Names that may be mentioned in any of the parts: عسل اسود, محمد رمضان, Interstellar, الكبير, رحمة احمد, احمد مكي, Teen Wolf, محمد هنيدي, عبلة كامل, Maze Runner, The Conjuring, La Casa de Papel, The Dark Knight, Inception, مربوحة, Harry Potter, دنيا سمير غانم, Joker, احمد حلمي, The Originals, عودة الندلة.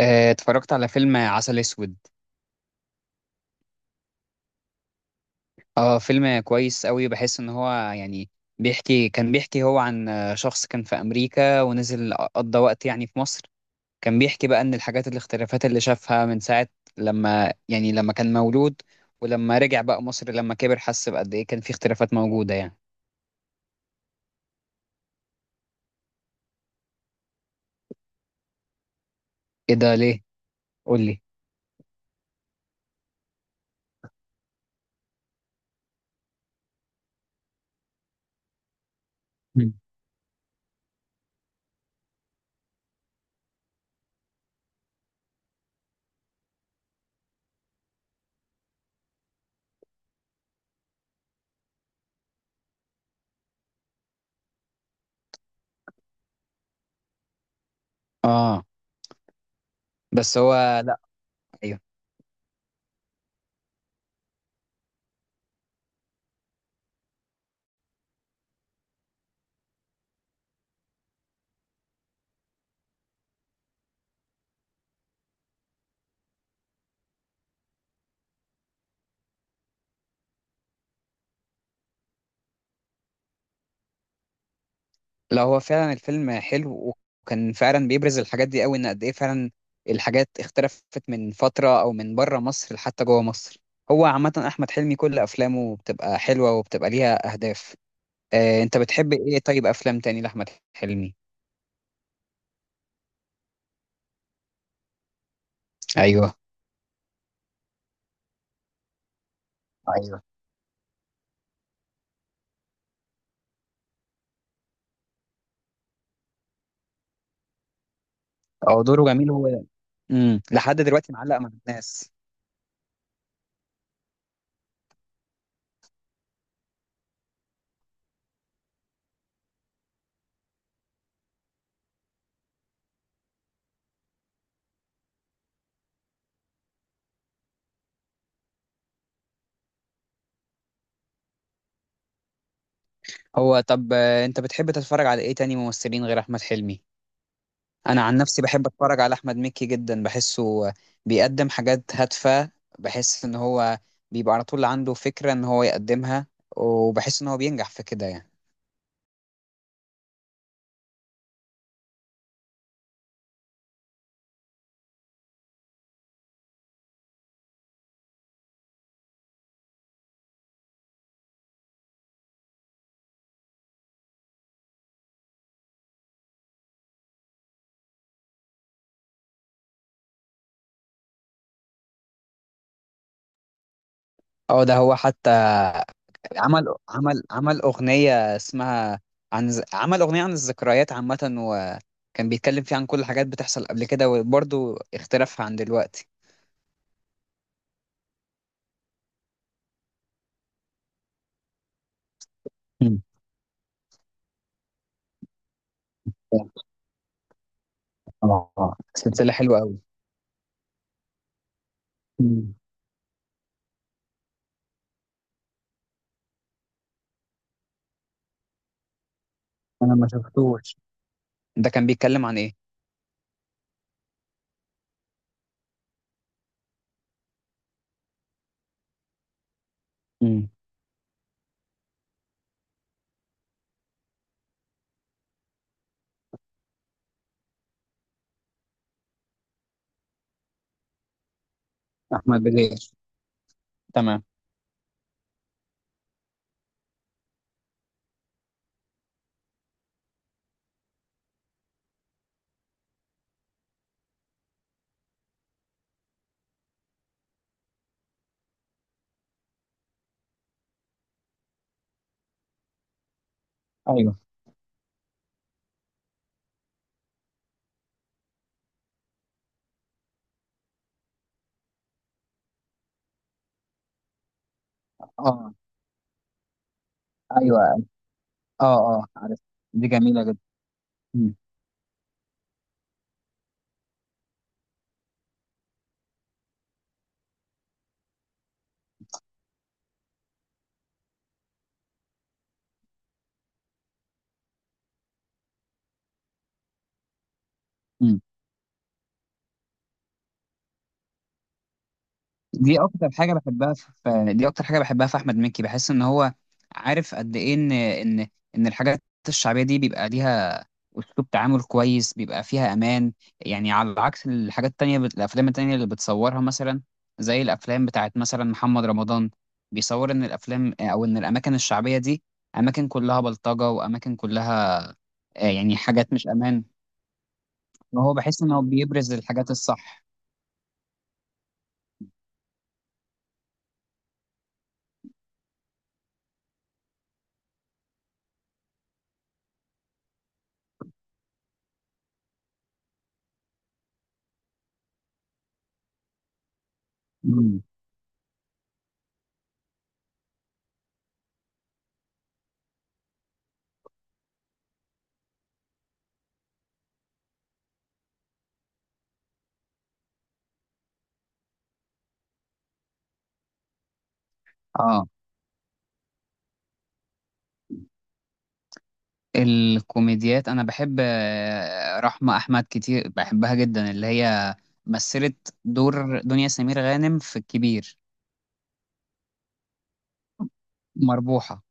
اتفرجت على فيلم عسل اسود. اه، فيلم كويس قوي. بحس ان هو يعني كان بيحكي هو عن شخص كان في امريكا ونزل قضى وقت يعني في مصر. كان بيحكي بقى ان الحاجات الاختلافات اللي شافها من ساعة لما يعني لما كان مولود، ولما رجع بقى مصر لما كبر، حس بقد ايه كان في اختلافات موجودة يعني. ايه ده ليه؟ قول لي. مم. اه. بس هو. لا. ايوه. لا، هو فعلا الفيلم حلو، وكان فعلا بيبرز الحاجات دي قوي ان قد ايه فعلا الحاجات اختلفت من فترة او من بره مصر لحتى جوه مصر. هو عامة احمد حلمي كل افلامه بتبقى حلوة وبتبقى ليها اهداف. انت بتحب ايه طيب، افلام تاني لاحمد حلمي؟ ايوه. ايوه. هو دوره جميل هو. لحد دلوقتي معلق مع الناس. هو طب، انت بتحب تتفرج على ايه تاني ممثلين غير احمد حلمي؟ انا عن نفسي بحب اتفرج على احمد مكي جدا، بحسه بيقدم حاجات هادفه. بحس ان هو بيبقى على طول عنده فكره ان هو يقدمها، وبحس ان هو بينجح في كده يعني. اه ده هو حتى عمل اغنيه اسمها عن عمل اغنيه عن الذكريات عامه، وكان بيتكلم فيها عن كل الحاجات بتحصل قبل كده وبرضه اختلافها عن دلوقتي. مم. اه، سلسله حلوه قوي. مم. انا ما شفتوش. ده كان بيتكلم عن ايه؟ مم. احمد بليغ. تمام. ايوه. اه. ايوه. اه، اه، عارف. دي جميله جدا. مم. مم. دي اكتر حاجه بحبها في احمد مكي، بحس ان هو عارف قد ايه ان الحاجات الشعبيه دي بيبقى ليها اسلوب تعامل كويس، بيبقى فيها امان. يعني على عكس الحاجات التانية، الافلام التانية اللي بتصورها مثلا، زي الافلام بتاعت مثلا محمد رمضان، بيصور ان الافلام او ان الاماكن الشعبيه دي اماكن كلها بلطجه واماكن كلها يعني حاجات مش امان. ما هو بحس إن هو بيبرز الحاجات الصح. مم. اه، الكوميديات انا بحب رحمة احمد كتير، بحبها جدا اللي هي مثلت دور دنيا سمير غانم في الكبير. مربوحة.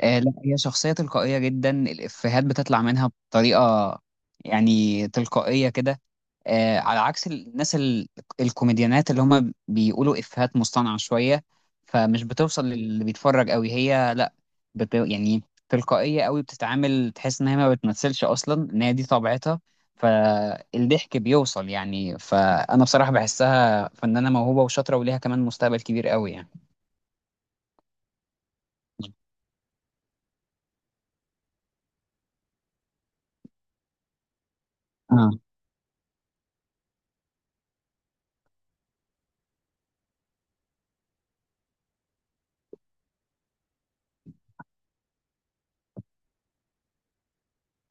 لا، هي شخصية تلقائية جدا، الإفيهات بتطلع منها بطريقة يعني تلقائية كده. على عكس الناس الكوميديانات اللي هم بيقولوا إفيهات مصطنعة شوية، فمش بتوصل للي بيتفرج قوي. هي لا، يعني تلقائية قوي، بتتعامل تحس إن هي ما بتمثلش أصلا، إن هي دي طبيعتها، فالضحك بيوصل يعني. فأنا بصراحة بحسها فنانة موهوبة وشاطرة، وليها كمان مستقبل كبير قوي يعني. آه.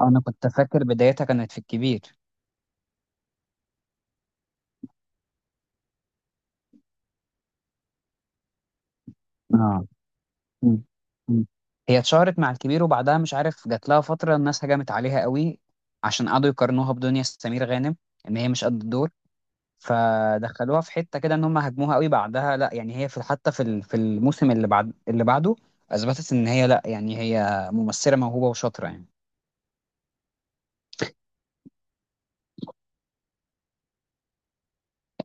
أنا كنت فاكر بدايتها كانت في الكبير. آه. مم. مم. هي اتشهرت مع الكبير، وبعدها مش عارف جات لها فترة الناس هجمت عليها قوي عشان قعدوا يقارنوها بدنيا سمير غانم، ان هي مش قد الدور. فدخلوها في حتة كده ان هم هاجموها قوي بعدها. لا يعني هي في حتى في في الموسم اللي بعد اللي بعده اثبتت ان هي لا يعني هي ممثلة موهوبة وشاطرة يعني.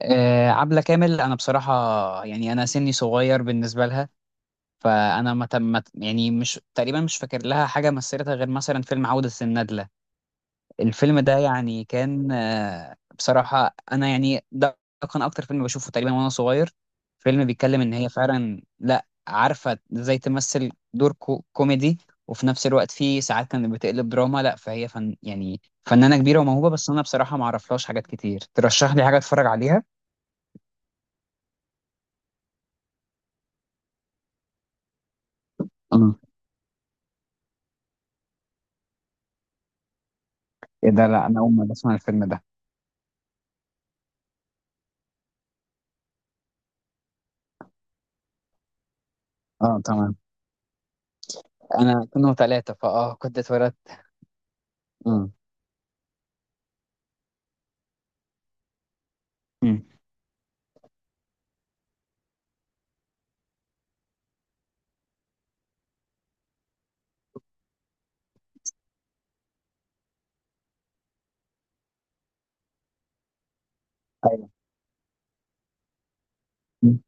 عبلة كامل انا بصراحة يعني انا سني صغير بالنسبة لها، فانا ما تم ما ت- يعني مش تقريبا مش فاكر لها حاجة مثلتها غير مثلا فيلم عودة الندلة. الفيلم ده يعني كان، بصراحة أنا يعني ده كان أكتر فيلم بشوفه تقريبا وأنا صغير. فيلم بيتكلم إن هي فعلا لأ عارفة إزاي تمثل دور كوميدي، وفي نفس الوقت في ساعات كانت بتقلب دراما. لأ فهي فن يعني فنانة كبيرة وموهوبة، بس أنا بصراحة معرفلهاش حاجات كتير. ترشح لي حاجة أتفرج عليها؟ اه. إيه ده، لأ أنا أول مرة أسمع الفيلم ده. أه تمام. أنا كنا ثلاثة فأه كنت اتولدت. أه. أمم. أيوه. أمم.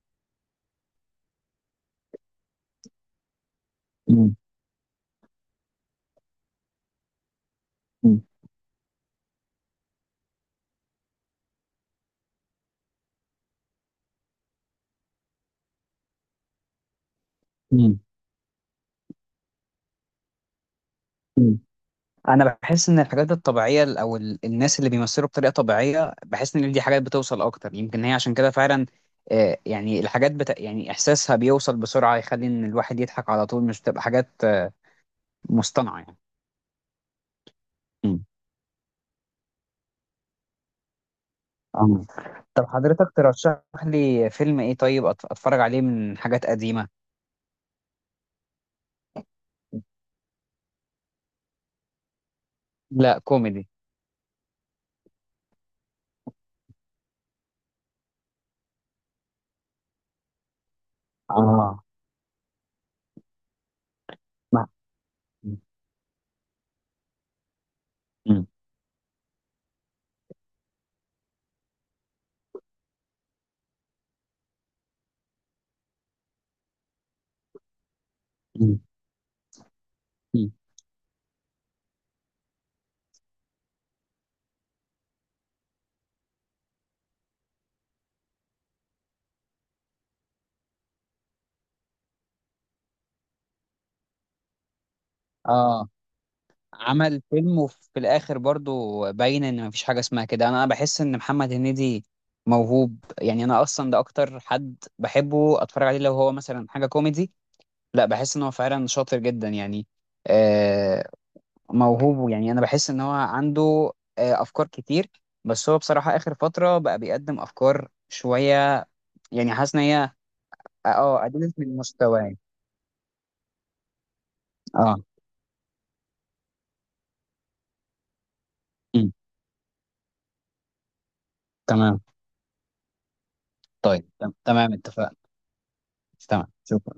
أمم. أمم. أمم. انا بحس ان الحاجات الطبيعيه او الناس اللي بيمثلوا بطريقه طبيعيه، بحس ان دي حاجات بتوصل اكتر، يمكن هي عشان كده فعلا يعني الحاجات يعني احساسها بيوصل بسرعه، يخلي ان الواحد يضحك على طول، مش بتبقى حاجات مصطنعه يعني. مم. آه. طب حضرتك ترشح لي فيلم ايه طيب، اتفرج عليه من حاجات قديمه؟ لا، كوميدي. اه. ما- مم. مم. مم. اه، عمل فيلم وفي الاخر برضو باين ان مفيش حاجه اسمها كده. أنا بحس ان محمد هنيدي موهوب يعني. انا اصلا ده اكتر حد بحبه اتفرج عليه لو هو مثلا حاجه كوميدي. لا، بحس ان هو فعلا شاطر جدا يعني. آه، موهوب يعني، انا بحس ان هو عنده افكار كتير. بس هو بصراحه اخر فتره بقى بيقدم افكار شويه يعني، حاسس ان هي اه قللت من مستواه. اه. أمم، تمام. طيب تمام، اتفقنا. تمام، شكرا.